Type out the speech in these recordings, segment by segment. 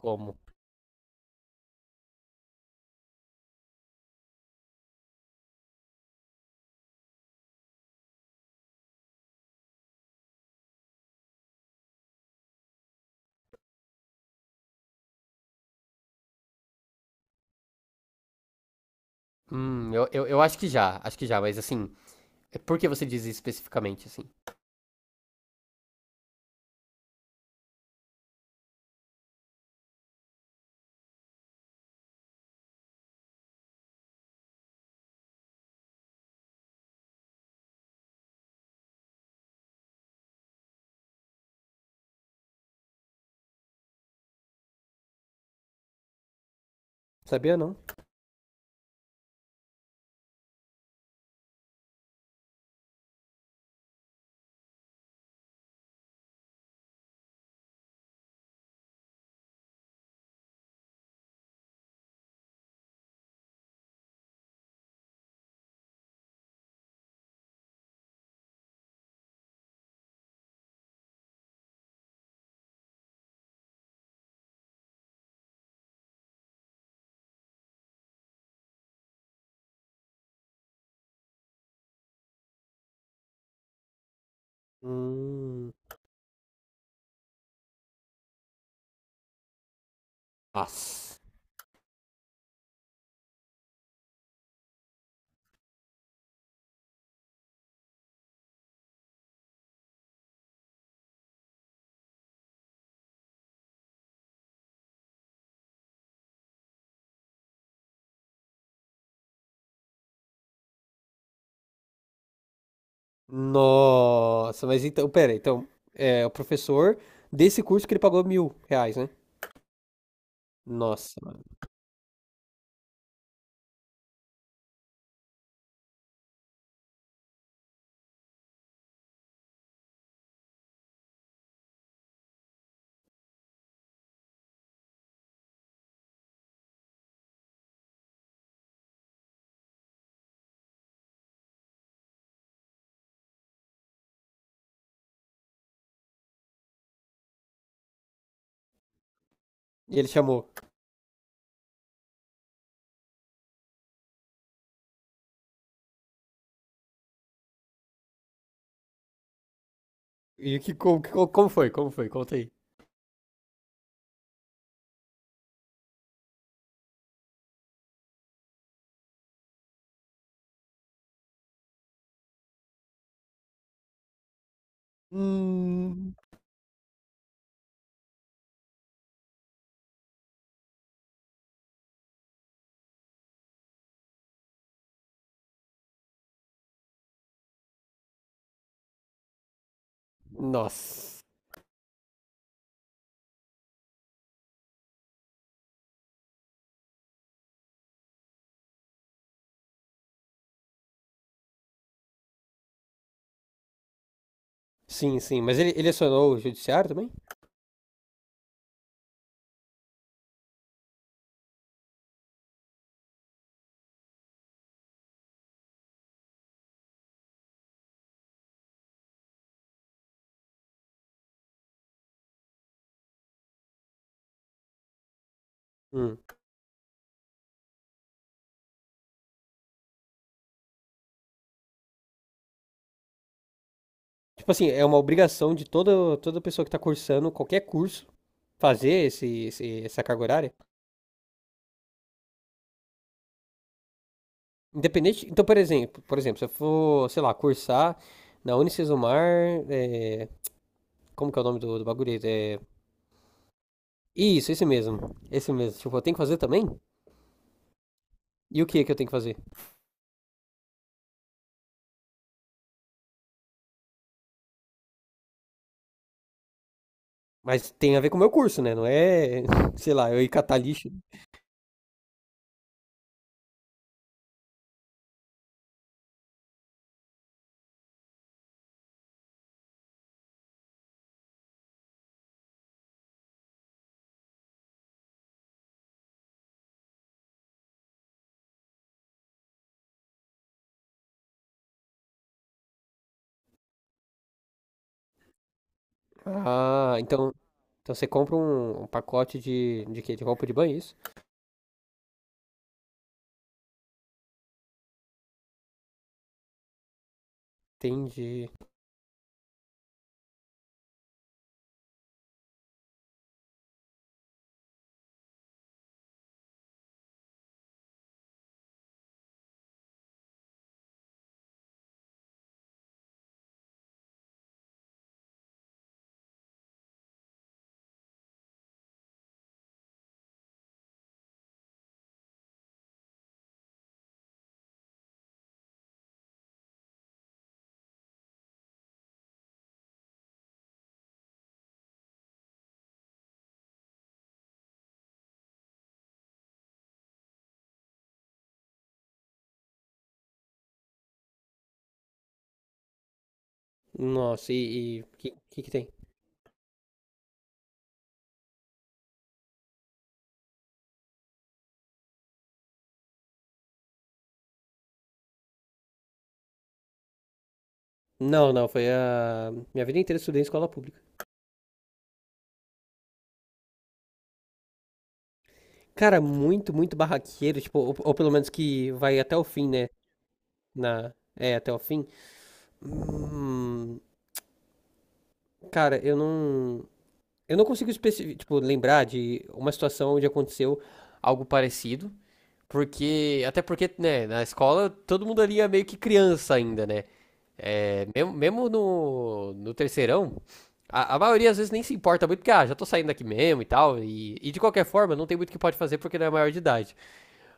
Como? Eu acho que já, mas assim, por que você diz isso especificamente, assim? Sabia não? Hum. Nossa. Nossa, mas então, pera, então, é o professor desse curso que ele pagou R$ 1.000, né? Nossa, mano. E ele chamou. Como foi? Como foi? Conta aí. Hum. Nossa. Sim, sim. Mas ele acionou o judiciário também? Hum. Tipo assim, é uma obrigação de toda pessoa que tá cursando qualquer curso fazer essa carga horária. Independente. Então, por exemplo, se eu for, sei lá, cursar na Unicesumar, é, como que é o nome do bagulho? É, isso, esse mesmo. Esse mesmo. Tipo, eu tenho que fazer também? E o que que eu tenho que fazer? Mas tem a ver com o meu curso, né? Não é, sei lá, eu ir catar lixo. Ah, então você compra um pacote de quê? De roupa de banho, isso? Tem de. Nossa, e o que, que tem? Não, não. Minha vida inteira eu estudei em escola pública. Cara, muito, muito barraqueiro, tipo, ou pelo menos que vai até o fim, né? Até o fim. Hum, Cara, eu não consigo tipo, lembrar de uma situação onde aconteceu algo parecido, porque, até porque, né, na escola todo mundo ali é meio que criança ainda, né? Mesmo, mesmo no terceirão, a maioria às vezes nem se importa muito, porque, ah, já tô saindo daqui mesmo e tal, e de qualquer forma não tem muito o que pode fazer porque não é maior de idade.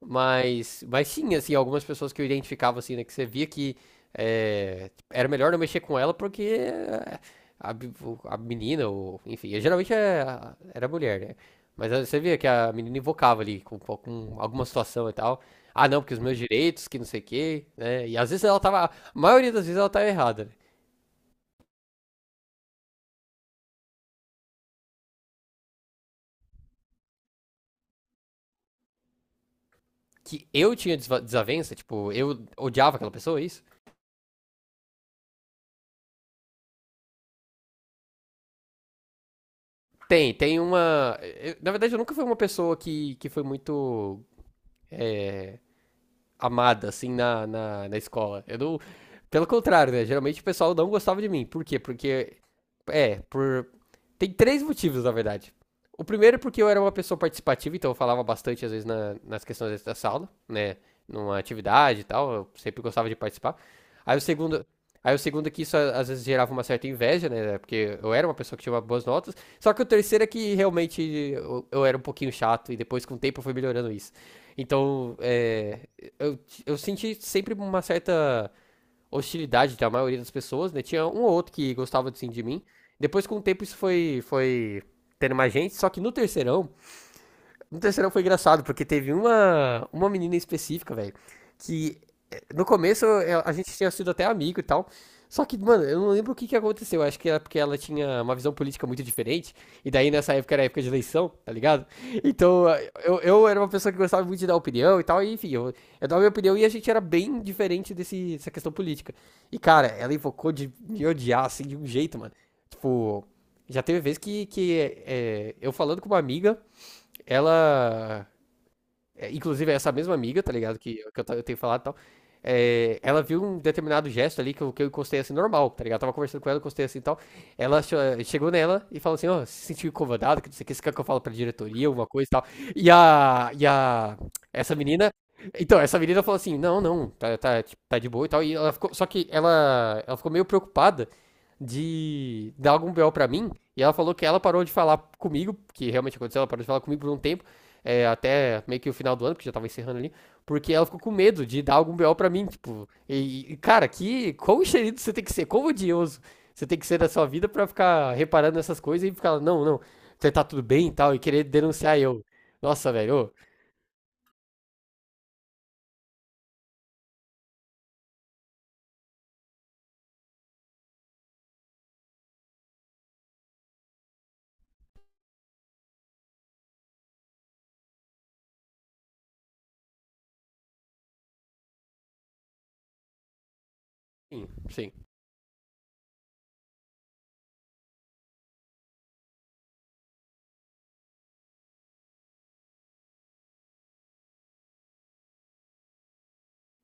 Mas sim, assim, algumas pessoas que eu identificava, assim, né, que você via que era melhor não mexer com ela porque a menina, ou, enfim, geralmente era mulher, né? Mas aí você via que a menina invocava ali com alguma situação e tal. Ah, não, porque os meus direitos, que não sei o quê, né? E às vezes ela tava, a maioria das vezes ela tava errada, né? Que eu tinha desavença, tipo, eu odiava aquela pessoa, é isso? Tem uma. Na verdade, eu nunca fui uma pessoa que foi muito. é, Amada, assim, na escola. Eu não. Pelo contrário, né? Geralmente o pessoal não gostava de mim. Por quê? Porque. É, por. Tem três motivos, na verdade. O primeiro é porque eu era uma pessoa participativa, então eu falava bastante, às vezes, nas questões da sala, né? Numa atividade e tal, eu sempre gostava de participar. Aí o segundo. Aí o segundo é que isso às vezes gerava uma certa inveja, né? Porque eu era uma pessoa que tinha boas notas. Só que o terceiro é que realmente eu era um pouquinho chato e depois com o tempo eu fui melhorando isso. Então, eu, eu senti sempre uma certa hostilidade da maioria das pessoas, né? Tinha um ou outro que gostava assim, de mim. Depois, com o tempo, isso foi tendo mais gente. Só que no terceirão foi engraçado, porque teve uma menina específica, velho, que no começo a gente tinha sido até amigo e tal. Só que, mano, eu não lembro o que que aconteceu. Acho que era porque ela tinha uma visão política muito diferente. E daí nessa época era época de eleição, tá ligado? Então eu era uma pessoa que gostava muito de dar opinião e tal. E enfim, eu dava minha opinião e a gente era bem diferente dessa questão política. E cara, ela invocou de me odiar assim de um jeito, mano. Tipo, já teve vez que eu falando com uma amiga ela. Inclusive, é essa mesma amiga, tá ligado? Que eu tenho falado e tal. Ela viu um determinado gesto ali que eu encostei assim, normal, tá ligado? Eu tava conversando com ela, encostei assim e tal. Ela chegou nela e falou assim: Ó, se sentiu incomodado, que não sei o que, você quer que eu falo pra diretoria, alguma coisa e tal. E a. E a. Essa menina. Então, essa menina falou assim: Não, não, tá, tá, tipo, tá de boa e tal. E ela ficou. Só que ela ficou meio preocupada de dar algum BO pra mim. E ela falou que ela parou de falar comigo, que realmente aconteceu, ela parou de falar comigo por um tempo até meio que o final do ano, porque já tava encerrando ali, porque ela ficou com medo de dar algum BO pra mim, tipo. E, cara, que. Quão enxerido você tem que ser? Quão odioso você tem que ser da sua vida pra ficar reparando nessas coisas e ficar, não, não, você tá tudo bem e tal, e querer denunciar eu. Nossa, velho. Ô. Sim, sim.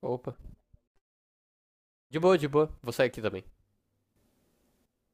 Opa. De boa, de boa. Vou sair aqui também.